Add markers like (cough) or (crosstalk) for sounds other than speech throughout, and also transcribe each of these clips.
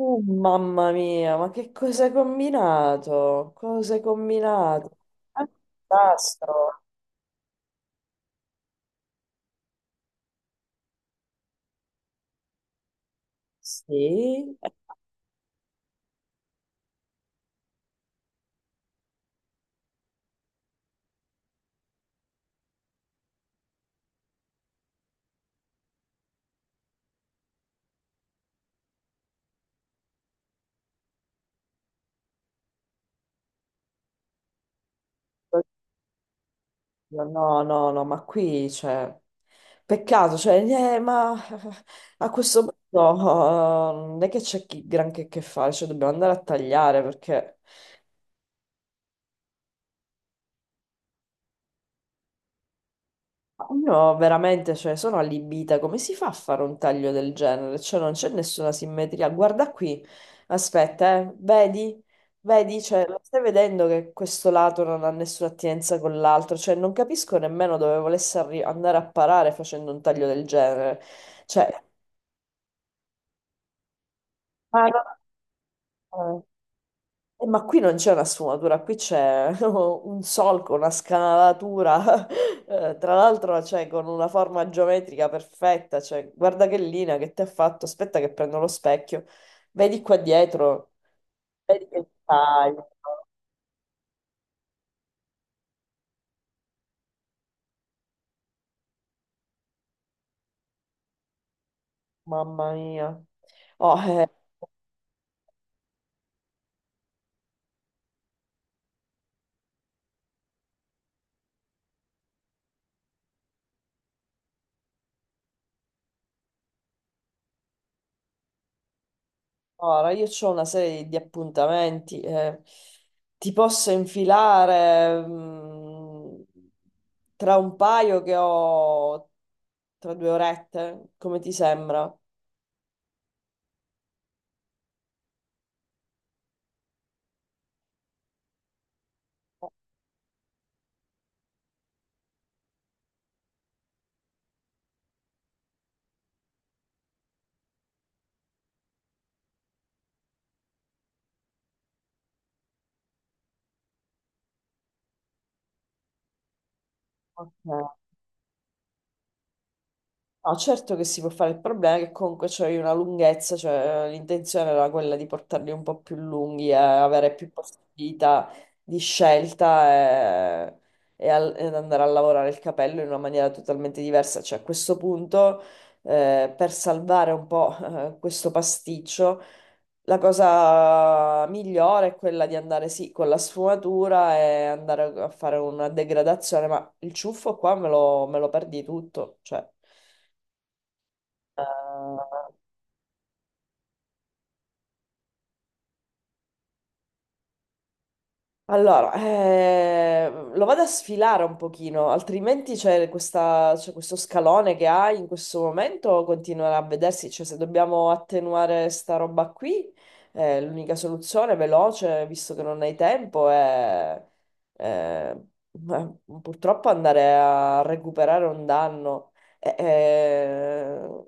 Oh, mamma mia, ma che cosa hai combinato? Cosa hai combinato? È un disastro. Sì, è così. No, no, no, ma qui c'è. Peccato, cioè, ma a questo punto non è che c'è granché che fare, cioè dobbiamo andare a tagliare perché io veramente, cioè, sono allibita. Come si fa a fare un taglio del genere? Cioè, non c'è nessuna simmetria. Guarda qui, aspetta, Vedi? Vedi? Cioè, lo stai vedendo che questo lato non ha nessuna attinenza con l'altro? Cioè, non capisco nemmeno dove volesse andare a parare facendo un taglio del genere. Cioè, ma no- eh, ma qui non c'è una sfumatura, qui c'è (laughs) un solco, una scanalatura, (laughs) tra l'altro cioè, con una forma geometrica perfetta, cioè, guarda che linea che ti ha fatto, aspetta che prendo lo specchio, vedi qua dietro, vedi che taglio, mamma mia. Oh, ora, io ho una serie di appuntamenti, ti posso infilare, tra un paio che ho tra due orette, come ti sembra? Ok. No, certo che si può fare, il problema è che comunque c'è una lunghezza, cioè l'intenzione era quella di portarli un po' più lunghi e avere più possibilità di scelta e ed andare a lavorare il capello in una maniera totalmente diversa. Cioè a questo punto, per salvare un po', questo pasticcio, la cosa migliore è quella di andare sì con la sfumatura e andare a fare una degradazione, ma il ciuffo qua me lo perdi tutto, cioè. Allora, lo vado a sfilare un pochino, altrimenti c'è questo scalone che hai in questo momento, continuerà a vedersi, cioè se dobbiamo attenuare sta roba qui, l'unica soluzione veloce, visto che non hai tempo, è, eh, eh, purtroppo andare a recuperare un danno. Eh, eh,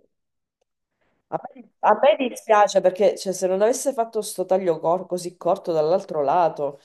A me dispiace perché cioè, se non avesse fatto sto taglio così corto dall'altro lato,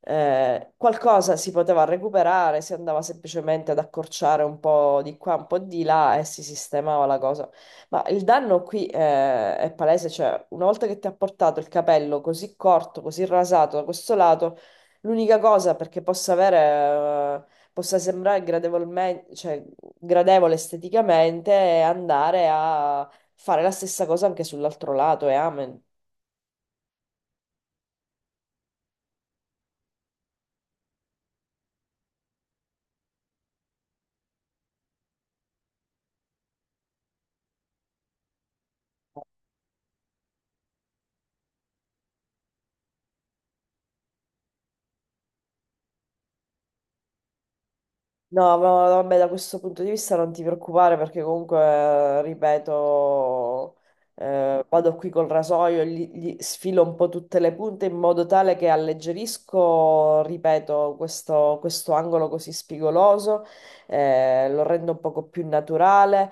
qualcosa si poteva recuperare, si andava semplicemente ad accorciare un po' di qua, un po' di là e si sistemava la cosa. Ma il danno qui è palese, cioè una volta che ti ha portato il capello così corto, così rasato da questo lato, l'unica cosa perché possa avere... possa sembrare gradevolmente, cioè, gradevole esteticamente e andare a fare la stessa cosa anche sull'altro lato e amen. No, ma vabbè, da questo punto di vista non ti preoccupare perché comunque, ripeto, vado qui col rasoio, gli sfilo un po' tutte le punte in modo tale che alleggerisco, ripeto, questo angolo così spigoloso, lo rendo un poco più naturale,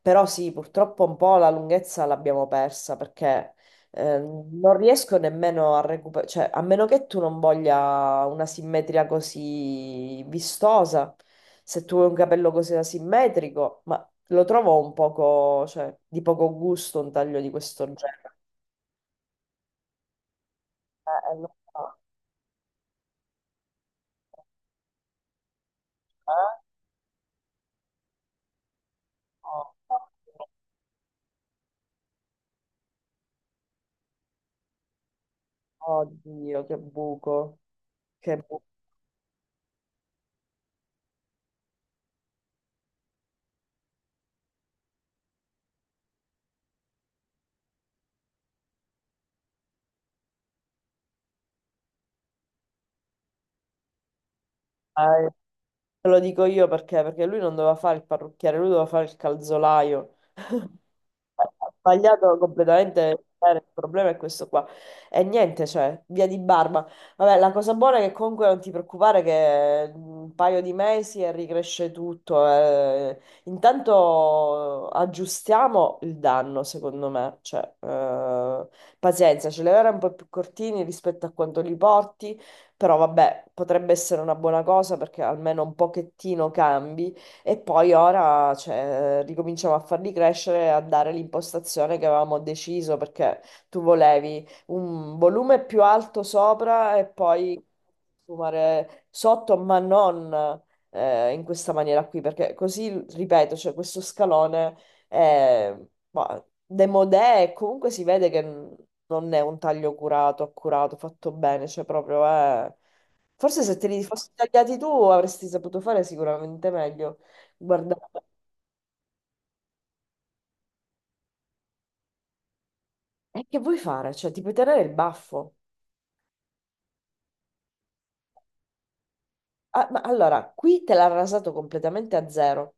però sì, purtroppo un po' la lunghezza l'abbiamo persa perché Eh, non riesco nemmeno a recuperare, cioè, a meno che tu non voglia una simmetria così vistosa, se tu vuoi un capello così asimmetrico, ma lo trovo un poco, cioè, di poco gusto un taglio di questo genere. Lo so, eh? Oh, oddio, che buco, che buco. Eh, te lo dico io perché lui non doveva fare il parrucchiere, lui doveva fare il calzolaio. (laughs) Ha sbagliato completamente. Il problema è questo qua. E niente, cioè, via di barba. Vabbè, la cosa buona è che comunque non ti preoccupare che un paio di mesi e ricresce tutto. Intanto aggiustiamo il danno, secondo me. Cioè, pazienza, ce li avrai un po' più cortini rispetto a quanto li porti, però vabbè, potrebbe essere una buona cosa perché almeno un pochettino cambi. E poi ora, cioè, ricominciamo a farli crescere e a dare l'impostazione che avevamo deciso, perché tu volevi un volume più alto sopra e poi fumare sotto, ma non in questa maniera qui, perché così, ripeto, cioè, questo scalone è ma, demodè e comunque si vede che non è un taglio curato, accurato, fatto bene, cioè proprio è... Forse se te li fossi tagliati tu avresti saputo fare sicuramente meglio. Guardate, e che vuoi fare? Cioè, ti puoi tenere il baffo. Ah, ma allora, qui te l'ha rasato completamente a zero.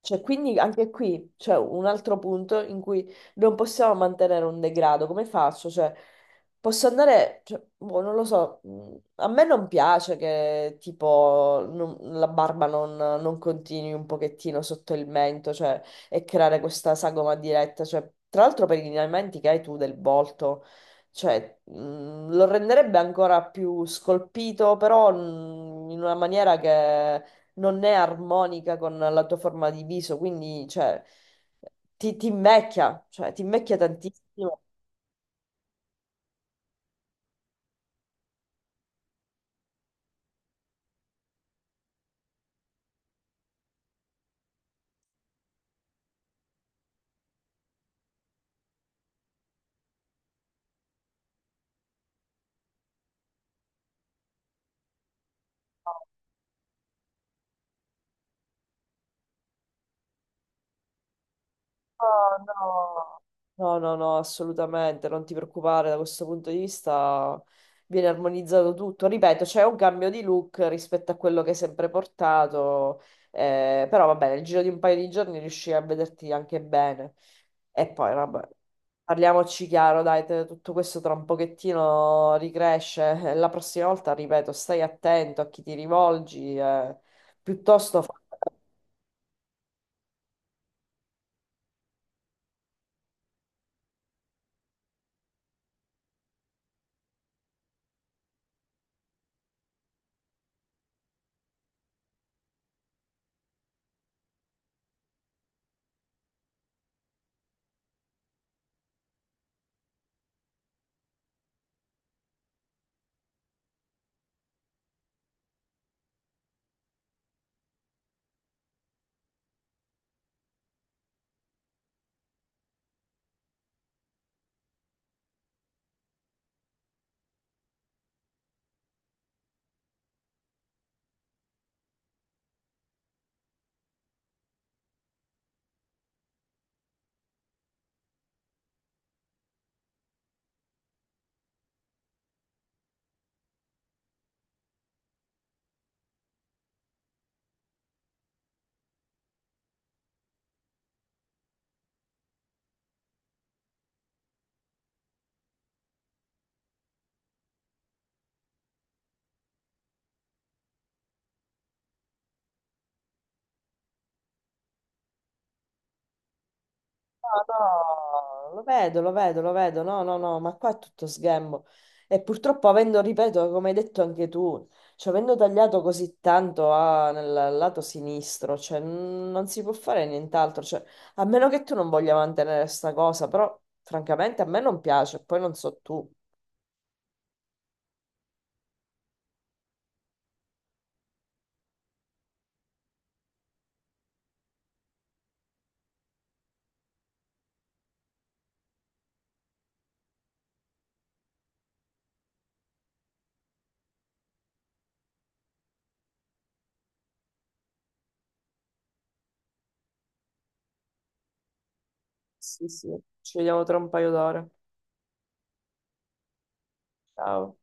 Cioè, quindi anche qui c'è un altro punto in cui non possiamo mantenere un degrado. Come faccio? Cioè, posso andare, cioè, boh, non lo so, a me non piace che tipo la barba non continui un pochettino sotto il mento, cioè, e creare questa sagoma diretta. Cioè, tra l'altro per i lineamenti che hai tu del volto. Cioè, lo renderebbe ancora più scolpito, però in una maniera che non è armonica con la tua forma di viso, quindi, cioè, ti invecchia, cioè, ti invecchia tantissimo. Oh, no. No, no, no, assolutamente, non ti preoccupare da questo punto di vista. Viene armonizzato tutto, ripeto, c'è un cambio di look rispetto a quello che hai sempre portato, però va bene, nel giro di un paio di giorni riuscirai a vederti anche bene. E poi, vabbè, parliamoci chiaro, dai, tutto questo tra un pochettino ricresce. La prossima volta, ripeto, stai attento a chi ti rivolgi, piuttosto fa... No, no, lo vedo, lo vedo, lo vedo, no, no, no, ma qua è tutto sghembo. E purtroppo avendo, ripeto, come hai detto anche tu, cioè avendo tagliato così tanto nel lato sinistro, cioè non si può fare nient'altro, cioè, a meno che tu non voglia mantenere sta cosa, però francamente a me non piace, poi non so tu. Sì, sì, ci vediamo tra un paio d'ore. Ciao.